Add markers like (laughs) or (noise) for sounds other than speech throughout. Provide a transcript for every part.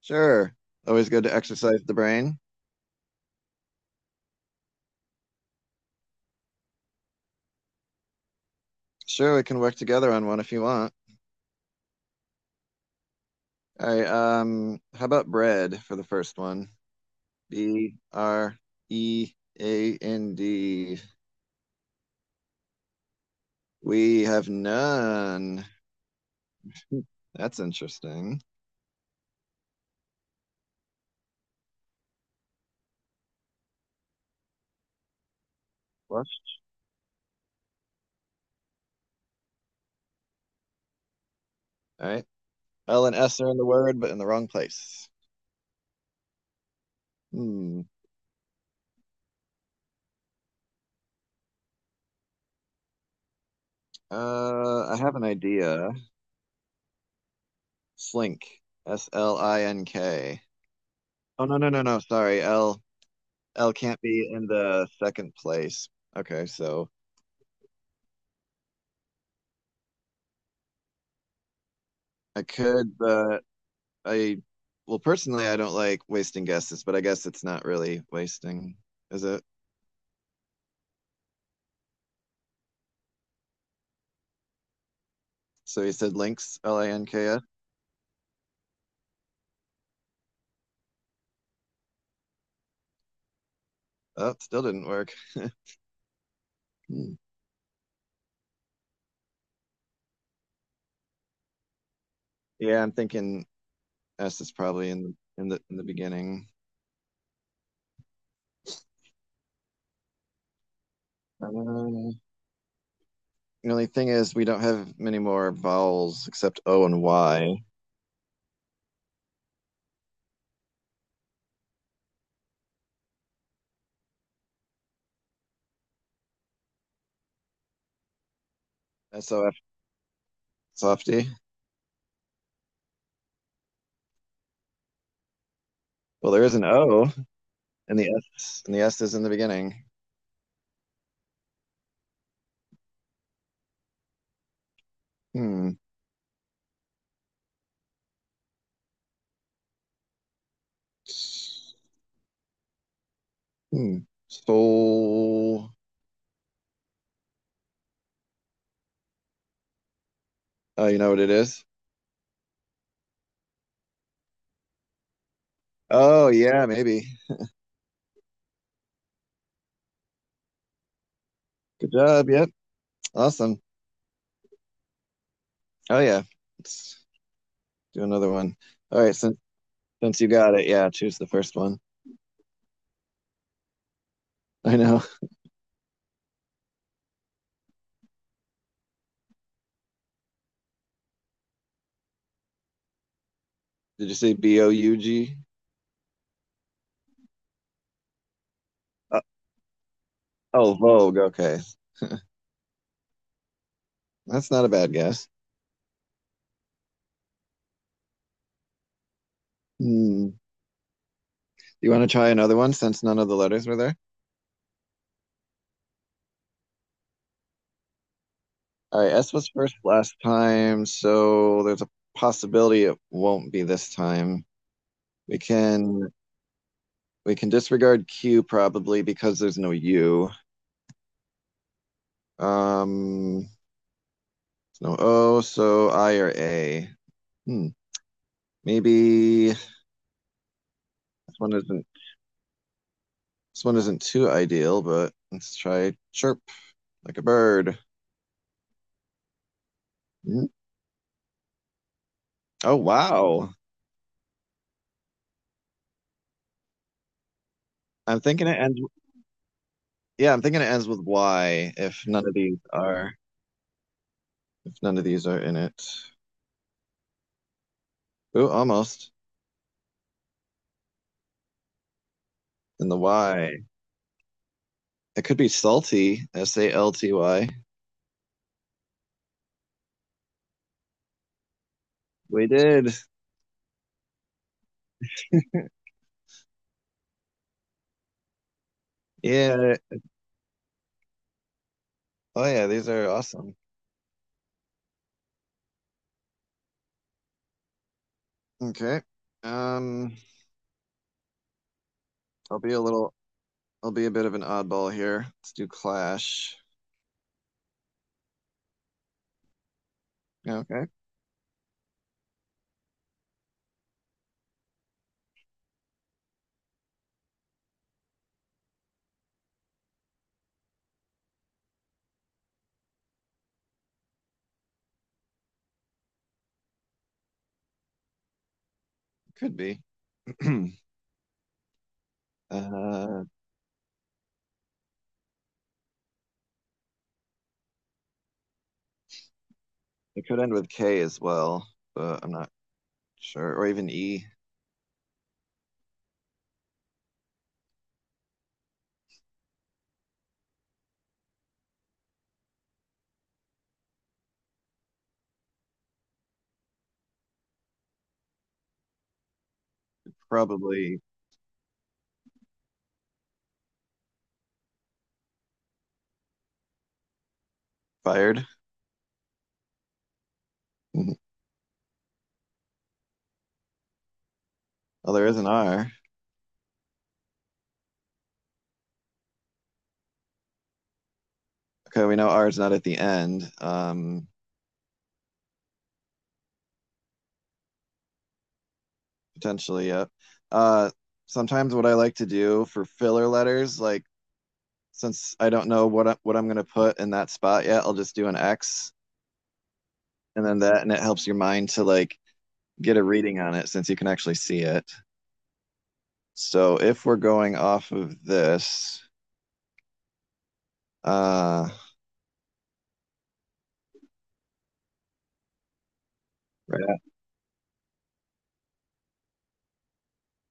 Sure. Always good to exercise the brain. Sure, we can work together on one if you want. All right, how about bread for the first one? B R E A N D. We have none. That's interesting. Flush. All right. L and S are in the word, but in the wrong place. Hmm. I have an idea. Slink. S L I N K. Oh no no no no. Sorry. L can't be in the second place. Okay, so I could, but I, well, personally, I don't like wasting guesses, but I guess it's not really wasting, is it? So you said links, Links. Oh, still didn't work. (laughs) Hmm. Yeah, I'm thinking S is probably in the beginning. Um, the only thing is we don't have many more vowels except O and Y. S O F Softy. Well, there is an O, and the S is in the beginning. Hmm. Hmm. So, you know what it is? Oh yeah, maybe. Good job. Yep. Awesome. Oh yeah. Let's do another one. All right, since you got it, yeah, choose the first one. I know. (laughs) Did you say B O U G? Uh, oh, Vogue. Okay. That's not a bad guess. Hmm. You want to try another one since none of the letters were there? All right, S was first last time, so there's a possibility it won't be this time. We can we can disregard Q probably because there's no U. Um, No O, so I or A. Hmm. Maybe one isn't this one isn't too ideal, but let's try chirp like a bird. Hmm. Oh wow. I'm thinking it ends yeah, I'm thinking it ends with Y if none of these are if none of these are in it. Ooh, almost. In the Y. It could be salty, S A L T Y. We did. Yeah. Oh yeah, these are awesome. Okay. Um, I'll be a little I'll be a bit of an oddball here. Let's do Clash. Yeah, okay, could be. (clears throat) uh, it could end with K as well, but I'm not sure. Or even E. Probably fired. (laughs) Oh, there is an R. Okay, we know R is not at the end. Potentially, yep. Yeah. Sometimes what I like to do for filler letters, like since I don't know what I'm gonna put in that spot yet, I'll just do an X and then that, and it helps your mind to like get a reading on it since you can actually see it. So if we're going off of this, uh,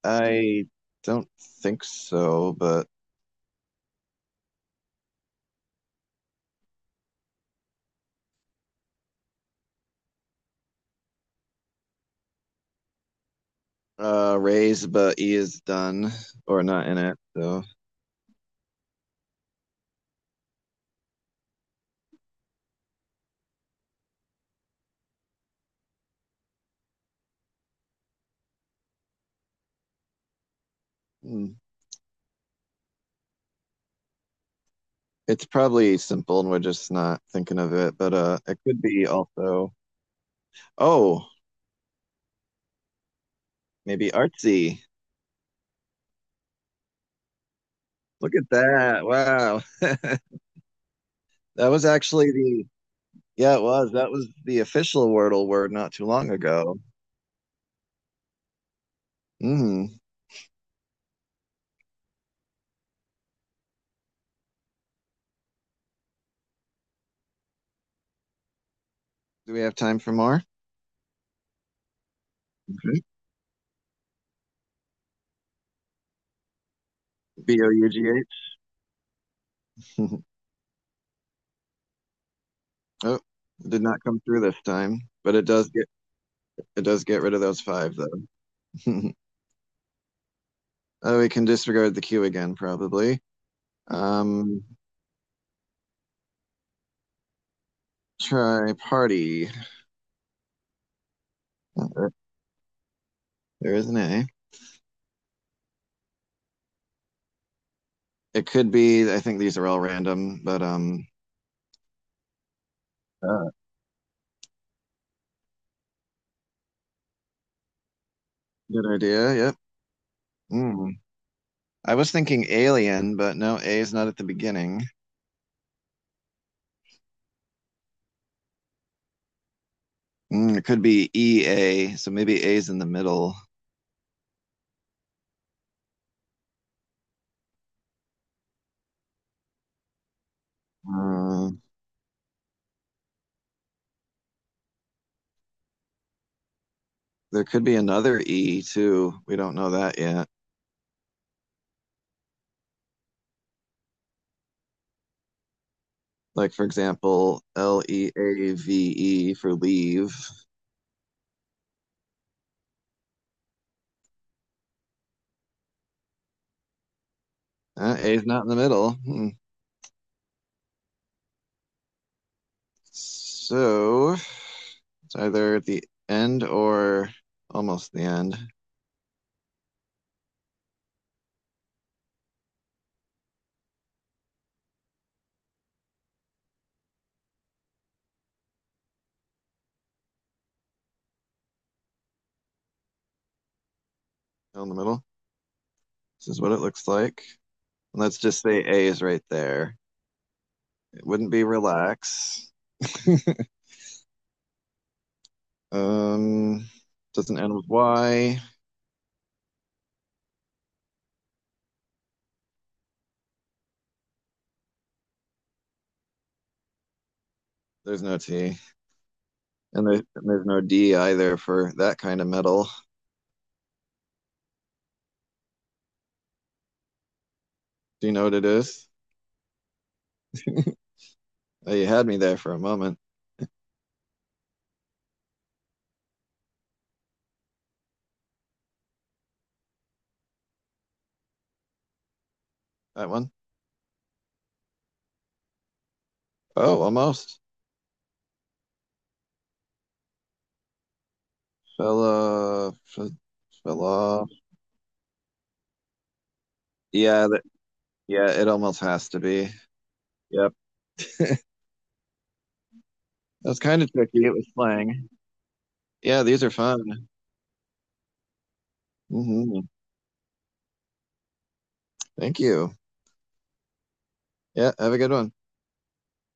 I don't think so, but raise, but E is done or not in it. So hmm. it's probably simple and we're just not thinking of it, but it could be also, oh, maybe artsy. Look at that. Wow. (laughs) That was actually the, Yeah, it was. That was the official Wordle word not too long ago. Mm. Do we have time for more? Mm-hmm. Bough. (laughs) Oh, did not come through this time, but it does get rid of those five though. (laughs) Oh, we can disregard the queue again probably. Um, Try party. Uh, There is an A. It could be. I think these are all random, but uh, good idea. Yep. Mm. I was thinking alien, but no, A is not at the beginning. Mm, it could be E A, so maybe A is in the middle. Uh, there could be another E too. We don't know that yet. Like for example, Leave for leave. A is not in the middle. Hmm. So it's either at the end or almost the end. Still in the middle. This is what it looks like. And let's just say A is right there. It wouldn't be relax. (laughs) um, doesn't end with Y. There's no T, and there's no D either for that kind of metal. Do you know what it is? (laughs) You had me there for a moment. That one. Oh, almost. Fella, f- fella. Yeah, that, yeah, it almost has to be. Yep. That's kind of tricky. It was slang. Yeah, these are fun. hmm Thank you. Yeah, have a good one.